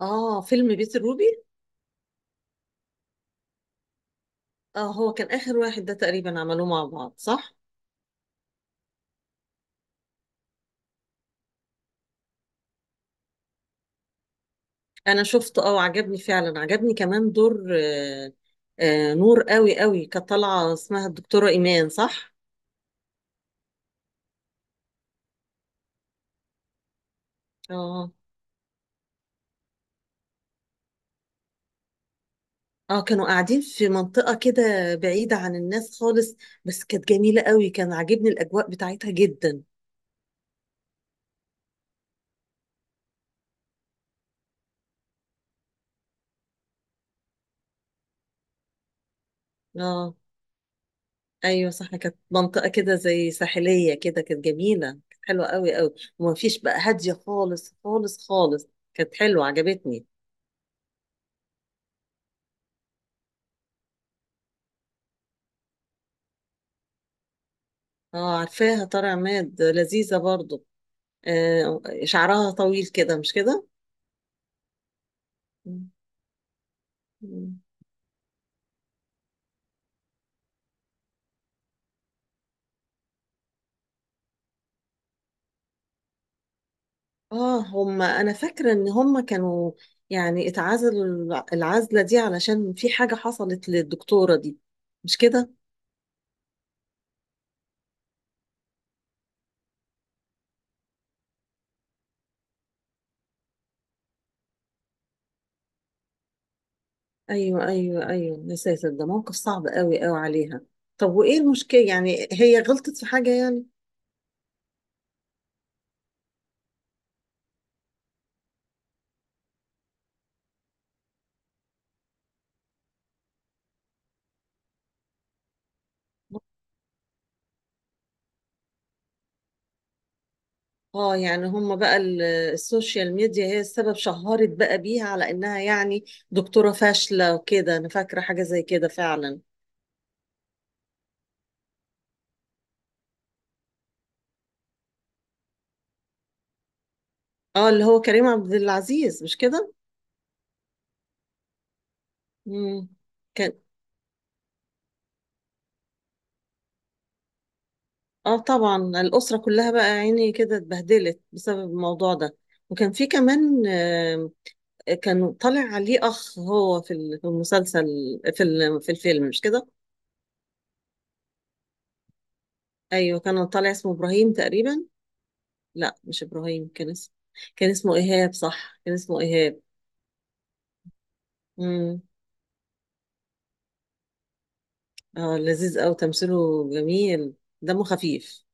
اه فيلم بيت الروبي. اه هو كان آخر واحد ده تقريبا عملوه مع بعض، صح؟ أنا شفته اه، وعجبني فعلا، عجبني كمان دور نور قوي قوي كانت طالعة، اسمها الدكتورة إيمان، صح؟ اه، اه، كانوا قاعدين في منطقة كده بعيدة عن الناس خالص، بس كانت جميلة قوي، كان عاجبني الأجواء بتاعتها جدا. اه، ايوه صح، كانت منطقة كده زي ساحلية كده، كانت جميلة، كانت حلوة قوي قوي، وما فيش بقى، هادية خالص خالص خالص، كانت حلوة، عجبتني. اه، عارفاها طارق عماد، لذيذة برضو. آه، شعرها طويل كده، مش كده؟ مم. مم. اه، هم، انا فاكرة ان هم كانوا يعني اتعزلوا العزلة دي علشان في حاجة حصلت للدكتورة دي، مش كده؟ ايوه ايوه ايوه، يا ساتر، ده موقف صعب قوي قوي عليها. طب وايه المشكلة يعني، هي غلطت في حاجة يعني؟ اه، يعني هم بقى السوشيال ميديا هي السبب، شهرت بقى بيها على انها يعني دكتورة فاشلة وكده، انا فاكرة حاجة زي كده فعلا. اه، اللي هو كريم عبد العزيز، مش كده؟ امم. كان. اه، طبعا الأسرة كلها بقى عيني كده اتبهدلت بسبب الموضوع ده، وكان في كمان كان طالع عليه اخ هو في المسلسل، في الفيلم، مش كده؟ ايوه كان طالع اسمه ابراهيم تقريبا. لا مش ابراهيم، كان اسمه. كان اسمه ايهاب، صح، كان اسمه ايهاب. امم. اه، لذيذ قوي، تمثيله جميل، دمه خفيف.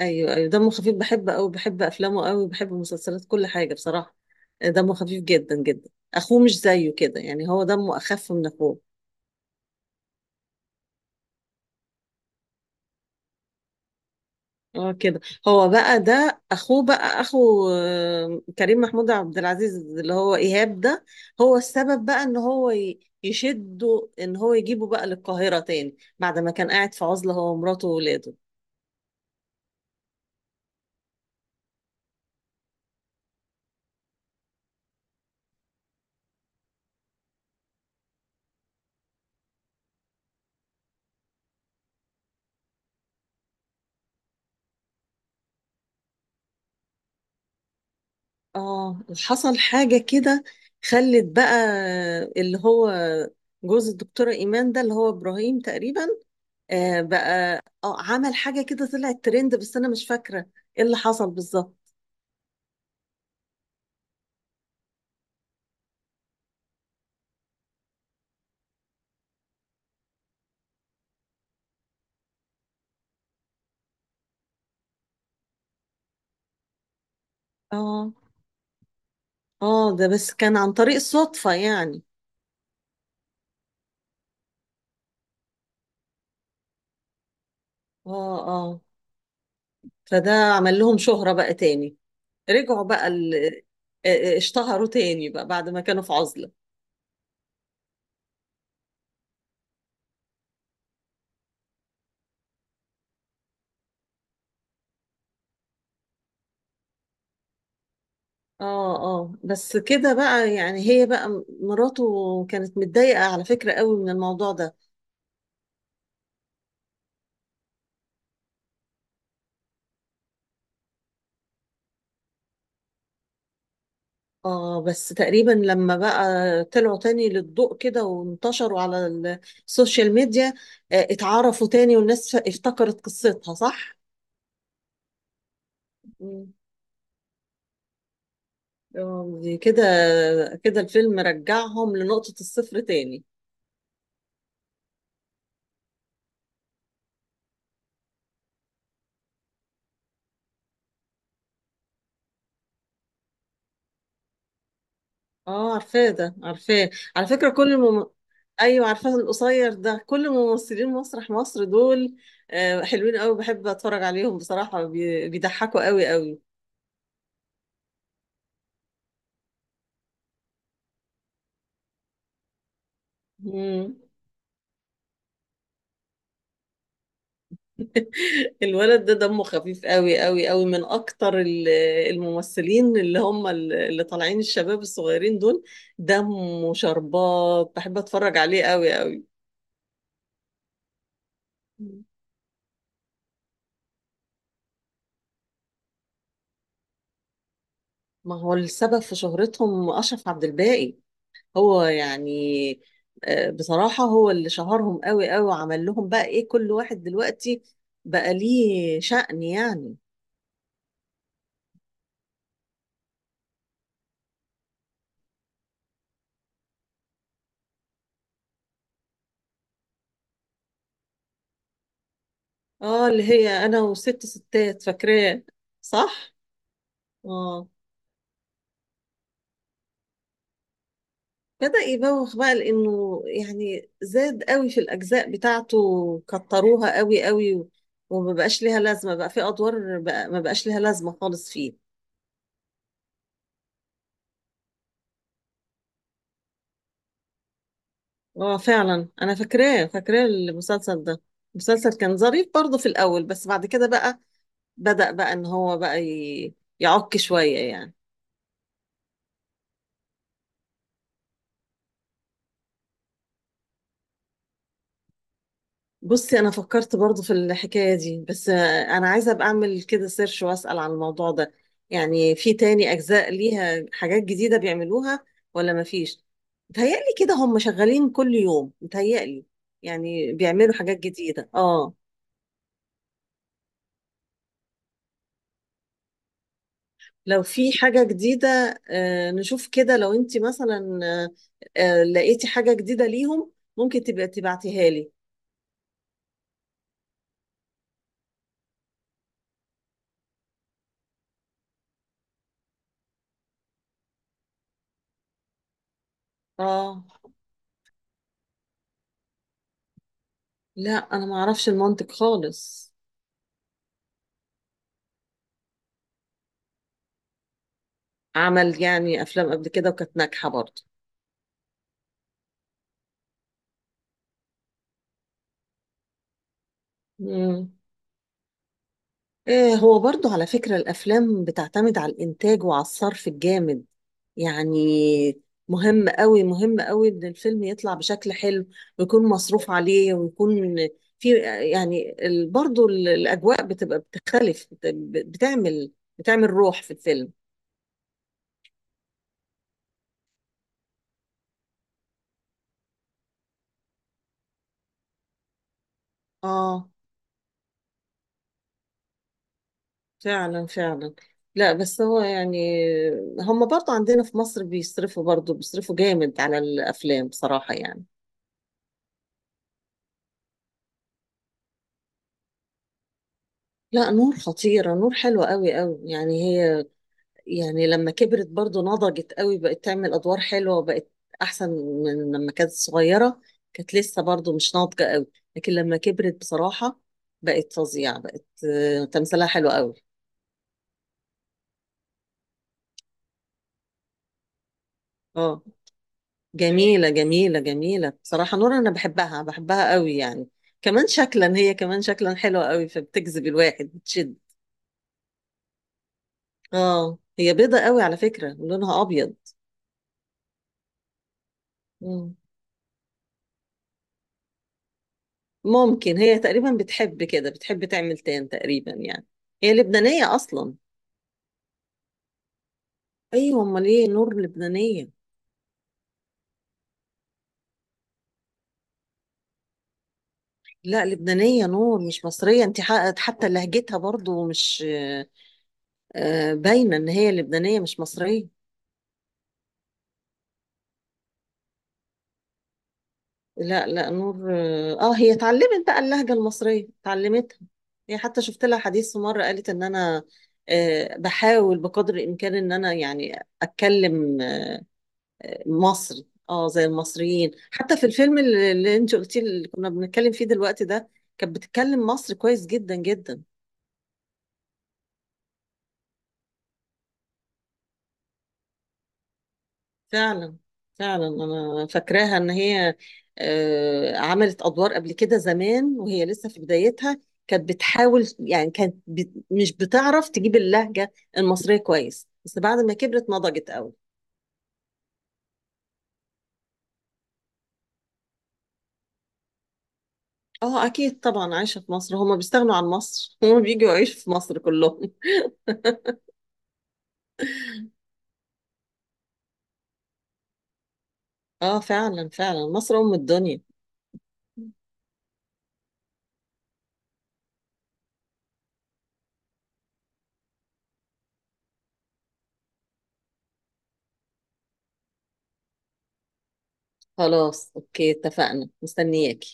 ايوه ايوه، دمه خفيف، بحب قوي، بحب افلامه قوي، بحب مسلسلات، كل حاجه بصراحه. دمه خفيف جدا جدا، اخوه مش زيه كده يعني، هو دمه اخف من اخوه. اه، كده. هو بقى ده اخوه، بقى اخو كريم محمود عبد العزيز، اللي هو ايهاب ده، هو السبب بقى ان هو يشده ان هو يجيبه بقى للقاهره تاني، بعد ما كان قاعد في عزله هو ومراته واولاده. اه، حصل حاجة كده، خلت بقى، اللي هو جوز الدكتورة إيمان ده، اللي هو إبراهيم تقريبا، بقى عمل حاجة كده طلعت ترند، بس أنا مش فاكرة إيه اللي حصل بالظبط. اه اه، ده بس كان عن طريق الصدفة يعني. اه اه، فده عمل لهم شهرة بقى تاني، رجعوا بقى آه، اشتهروا تاني بقى بعد ما كانوا في عزلة. اه اه، بس كده بقى يعني، هي بقى مراته كانت متضايقة على فكرة قوي من الموضوع ده. اه، بس تقريبا لما بقى طلعوا تاني للضوء كده وانتشروا على السوشيال ميديا، آه اتعرفوا تاني، والناس افتكرت قصتها، صح؟ مم. دي كده، كده الفيلم رجعهم لنقطة الصفر تاني. اه، عارفاه ده، عارفاه. على فكرة ايوه عارفاه، القصير ده، كل ممثلين مسرح مصر دول حلوين قوي، بحب اتفرج عليهم بصراحة، بيضحكوا قوي قوي. مم. الولد ده دمه خفيف قوي قوي قوي، من اكتر الممثلين، اللي هم اللي طالعين، الشباب الصغيرين دول، دمه شربات، بحب اتفرج عليه قوي قوي. مم. ما هو السبب في شهرتهم اشرف عبد الباقي، هو يعني بصراحة هو اللي شهرهم قوي قوي، وعمل لهم بقى ايه، كل واحد دلوقتي بقى ليه شأن يعني. اه، اللي هي انا وست ستات، فاكراه، صح. اه، بدأ يبوخ بقى، لانه يعني زاد قوي في الاجزاء بتاعته، كتروها قوي قوي وما بقاش ليها لازمة بقى في ادوار بقى، ما بقاش ليها لازمة خالص فيه. اه فعلا، انا فاكراه فاكراه المسلسل ده، المسلسل كان ظريف برضه في الاول، بس بعد كده بقى بدأ بقى ان هو بقى يعك شوية يعني. بصي، انا فكرت برضو في الحكاية دي، بس انا عايزة ابقى اعمل كده سيرش واسأل عن الموضوع ده، يعني في تاني اجزاء ليها حاجات جديدة بيعملوها ولا مفيش. متهيألي كده هم شغالين كل يوم، متهيألي يعني بيعملوا حاجات جديدة اه. لو في حاجة جديدة، نشوف كده، لو انت مثلا لقيتي حاجة جديدة ليهم ممكن تبقى تبعتيها لي. اه، لا انا ما اعرفش المنطق خالص. عمل يعني افلام قبل كده وكانت ناجحه برضه. امم. إيه، هو برضه على فكره الافلام بتعتمد على الانتاج وعلى الصرف الجامد يعني، مهم قوي مهم قوي ان الفيلم يطلع بشكل حلو، ويكون مصروف عليه، ويكون في يعني برضه الاجواء بتبقى بتختلف، بتعمل، بتعمل روح في الفيلم. اه فعلا فعلا. لا بس هو يعني، هم برضه عندنا في مصر بيصرفوا، برضه بيصرفوا جامد على الأفلام بصراحة يعني. لا نور خطيرة، نور حلوة قوي قوي يعني، هي يعني لما كبرت برضه نضجت قوي، بقت تعمل أدوار حلوة، وبقت أحسن من لما كانت صغيرة، كانت لسه برضه مش ناضجة قوي، لكن لما كبرت بصراحة بقت فظيعة، بقت تمثيلها حلو قوي. اه، جميلة جميلة جميلة بصراحة، نور أنا بحبها بحبها قوي يعني، كمان شكلا، هي كمان شكلا حلوة قوي، فبتجذب الواحد، بتشد. اه، هي بيضة قوي على فكرة، لونها أبيض. مم. ممكن هي تقريبا بتحب كده، بتحب تعمل تان تقريبا يعني، هي لبنانية أصلا. أيوة، أمال إيه، نور لبنانية. لا لبنانية، نور مش مصرية، أنت حققت حتى لهجتها برضو، مش باينة إن هي لبنانية مش مصرية. لا لا، نور اه، هي اتعلمت بقى اللهجة المصرية، اتعلمتها. هي حتى شفت لها حديث في مرة، قالت ان انا بحاول بقدر الامكان ان انا يعني اتكلم مصري. اه، زي المصريين، حتى في الفيلم اللي انت قلتيه، اللي كنا بنتكلم فيه دلوقتي ده، كانت بتتكلم مصري كويس جدا جدا. فعلا فعلا، انا فاكراها ان هي عملت ادوار قبل كده زمان، وهي لسه في بدايتها، كانت بتحاول يعني، كانت مش بتعرف تجيب اللهجة المصرية كويس، بس بعد ما كبرت نضجت قوي. اه اكيد طبعا، عايشة في مصر، هما بيستغنوا عن مصر هما بيجوا يعيشوا في مصر كلهم. اه فعلا فعلا، مصر ام الدنيا. خلاص اوكي اتفقنا، مستنياك.